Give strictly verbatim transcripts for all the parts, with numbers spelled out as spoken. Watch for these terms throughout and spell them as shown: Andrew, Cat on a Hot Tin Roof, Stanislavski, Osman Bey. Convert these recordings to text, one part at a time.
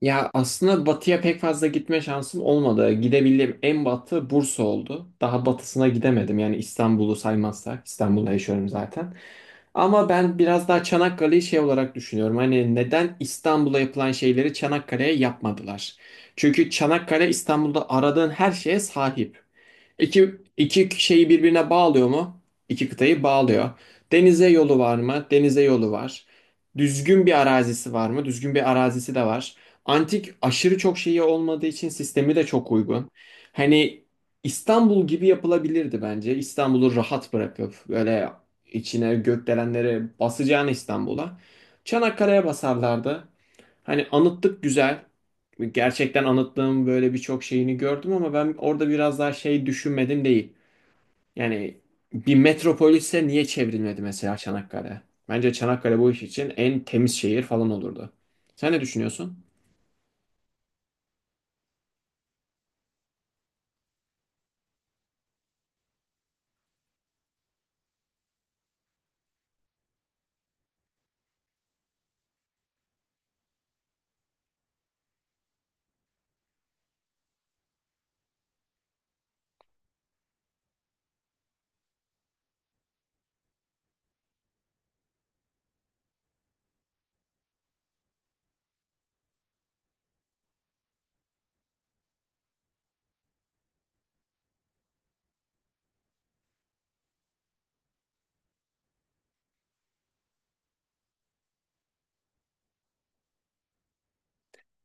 Ya aslında batıya pek fazla gitme şansım olmadı. Gidebildiğim en batı Bursa oldu. Daha batısına gidemedim. Yani İstanbul'u saymazsak. İstanbul'da yaşıyorum zaten. Ama ben biraz daha Çanakkale'yi şey olarak düşünüyorum. Hani neden İstanbul'a yapılan şeyleri Çanakkale'ye yapmadılar? Çünkü Çanakkale İstanbul'da aradığın her şeye sahip. İki, iki şeyi birbirine bağlıyor mu? İki kıtayı bağlıyor. Denize yolu var mı? Denize yolu var. Düzgün bir arazisi var mı? Düzgün bir arazisi de var. Antik aşırı çok şeyi olmadığı için sistemi de çok uygun. Hani İstanbul gibi yapılabilirdi bence. İstanbul'u rahat bırakıp böyle içine gökdelenleri basacağını İstanbul'a. Çanakkale'ye basarlardı. Hani anıtlık güzel gerçekten anlattığım böyle birçok şeyini gördüm ama ben orada biraz daha şey düşünmedim değil. Yani bir metropolise niye çevrilmedi mesela Çanakkale? Bence Çanakkale bu iş için en temiz şehir falan olurdu. Sen ne düşünüyorsun?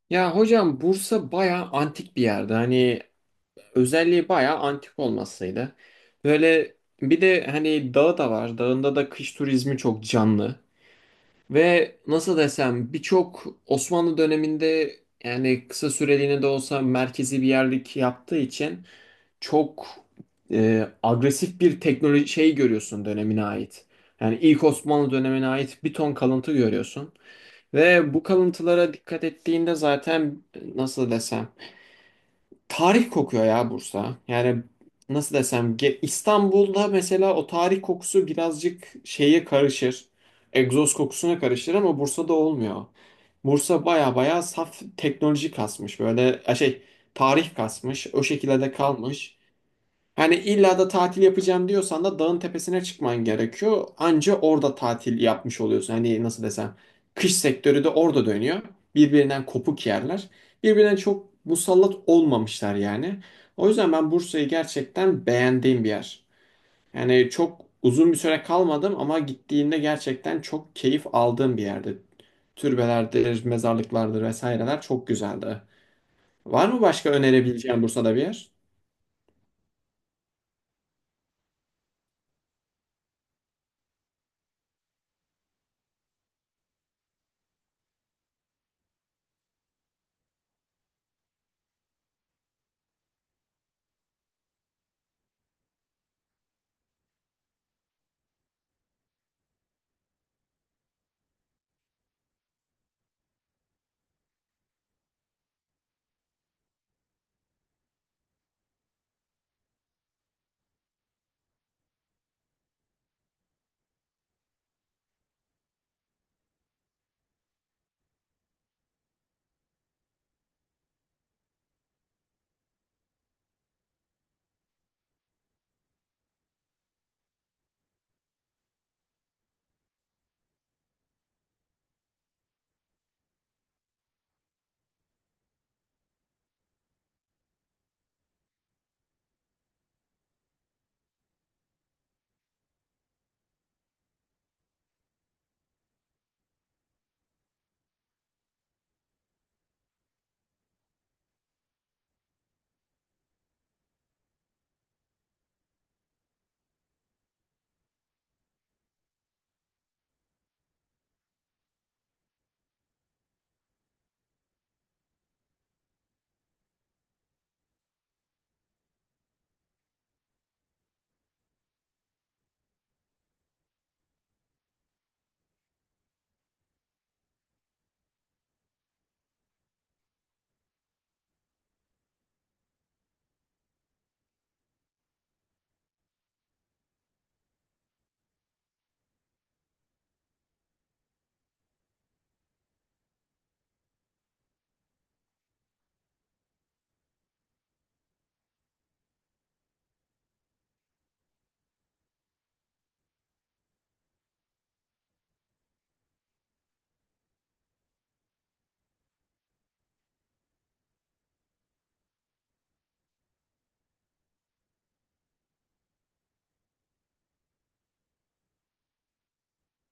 Ya hocam Bursa bayağı antik bir yerde. Hani özelliği bayağı antik olmasıydı. Böyle bir de hani dağı da var. Dağında da kış turizmi çok canlı. Ve nasıl desem birçok Osmanlı döneminde yani kısa süreliğine de olsa merkezi bir yerlik yaptığı için çok e, agresif bir teknoloji şey görüyorsun dönemine ait. Yani ilk Osmanlı dönemine ait bir ton kalıntı görüyorsun. Ve bu kalıntılara dikkat ettiğinde zaten nasıl desem tarih kokuyor ya Bursa. Yani nasıl desem ge- İstanbul'da mesela o tarih kokusu birazcık şeye karışır. Egzoz kokusuna karışır ama Bursa'da olmuyor. Bursa baya baya saf teknoloji kasmış. Böyle e, şey tarih kasmış. O şekilde de kalmış. Hani illa da tatil yapacağım diyorsan da dağın tepesine çıkman gerekiyor. Anca orada tatil yapmış oluyorsun. Hani nasıl desem kış sektörü de orada dönüyor. Birbirinden kopuk yerler. Birbirine çok musallat olmamışlar yani. O yüzden ben Bursa'yı gerçekten beğendiğim bir yer. Yani çok uzun bir süre kalmadım ama gittiğimde gerçekten çok keyif aldığım bir yerde. Türbelerdir, mezarlıklardır vesaireler çok güzeldi. Var mı başka önerebileceğin Bursa'da bir yer?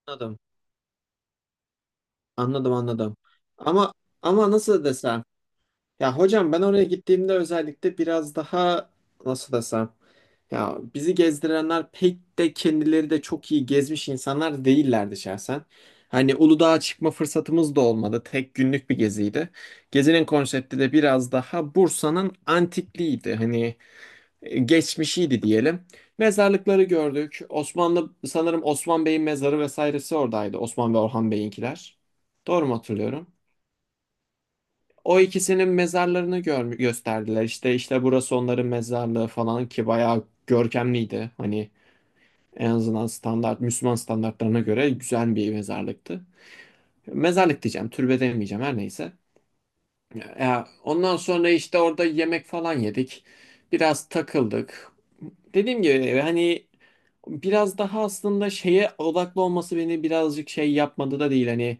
Anladım. Anladım, anladım. Ama ama nasıl desem? Ya hocam ben oraya gittiğimde özellikle biraz daha nasıl desem? Ya bizi gezdirenler pek de kendileri de çok iyi gezmiş insanlar değillerdi şahsen. Hani Uludağ'a çıkma fırsatımız da olmadı. Tek günlük bir geziydi. Gezinin konsepti de biraz daha Bursa'nın antikliğiydi. Hani e, geçmişiydi diyelim. Mezarlıkları gördük. Osmanlı sanırım Osman Bey'in mezarı vesairesi oradaydı. Osman ve Orhan Bey'inkiler. Doğru mu hatırlıyorum? O ikisinin mezarlarını gör gösterdiler. İşte işte burası onların mezarlığı falan ki bayağı görkemliydi. Hani en azından standart Müslüman standartlarına göre güzel bir mezarlıktı. Mezarlık diyeceğim, türbe demeyeceğim her neyse. Ya, ondan sonra işte orada yemek falan yedik. Biraz takıldık. Dediğim gibi hani biraz daha aslında şeye odaklı olması beni birazcık şey yapmadı da değil hani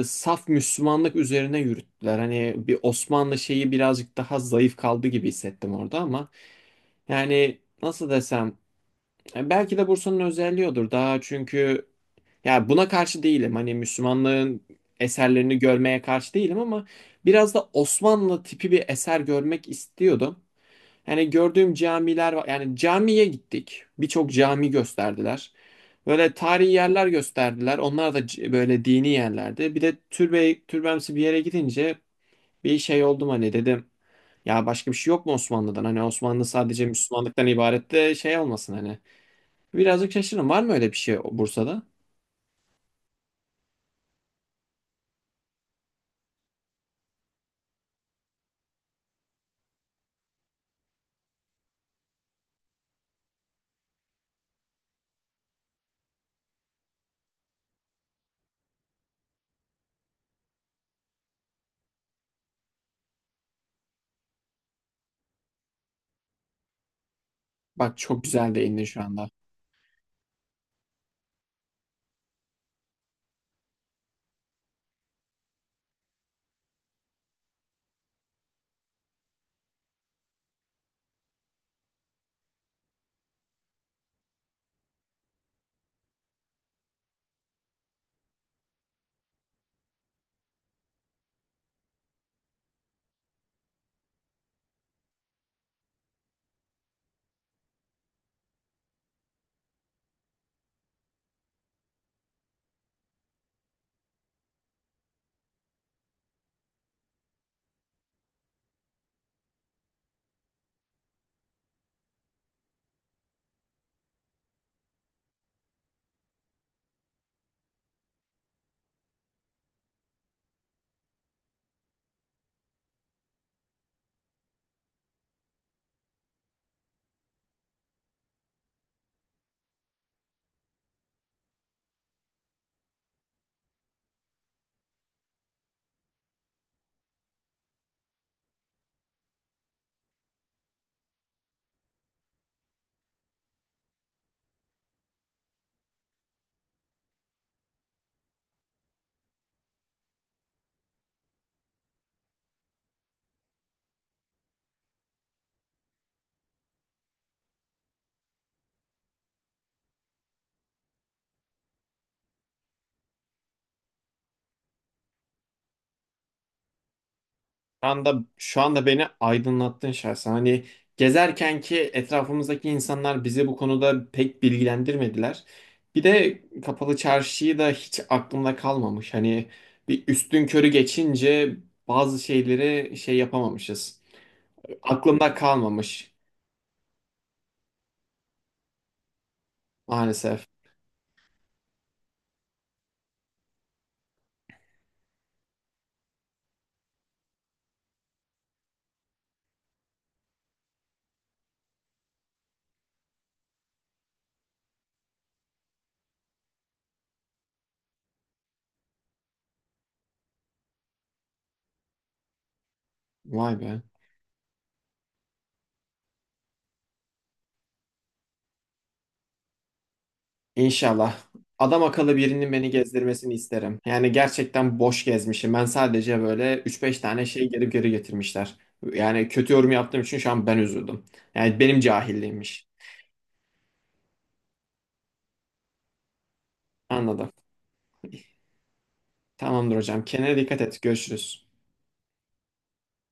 e, saf Müslümanlık üzerine yürüttüler. Hani bir Osmanlı şeyi birazcık daha zayıf kaldı gibi hissettim orada ama yani nasıl desem e, belki de Bursa'nın özelliği odur daha çünkü ya buna karşı değilim. Hani Müslümanlığın eserlerini görmeye karşı değilim ama biraz da Osmanlı tipi bir eser görmek istiyordum. Yani gördüğüm camiler var. Yani camiye gittik. Birçok cami gösterdiler. Böyle tarihi yerler gösterdiler. Onlar da c- böyle dini yerlerdi. Bir de türbe, türbemsi bir yere gidince bir şey oldum hani dedim. Ya başka bir şey yok mu Osmanlı'dan? Hani Osmanlı sadece Müslümanlıktan ibaret de şey olmasın hani. Birazcık şaşırdım. Var mı öyle bir şey Bursa'da? Bak çok güzel değindin şu anda. Anda şu anda beni aydınlattın şahsen. Hani gezerken ki etrafımızdaki insanlar bizi bu konuda pek bilgilendirmediler. Bir de kapalı çarşıyı da hiç aklımda kalmamış. Hani bir üstün körü geçince bazı şeyleri şey yapamamışız. Aklımda kalmamış maalesef. Vay be. İnşallah. Adam akıllı birinin beni gezdirmesini isterim. Yani gerçekten boş gezmişim. Ben sadece böyle üç beş tane şey geri geri getirmişler. Yani kötü yorum yaptığım için şu an ben üzüldüm. Yani benim cahilliğimmiş. Anladım. Tamamdır hocam. Kendine dikkat et. Görüşürüz.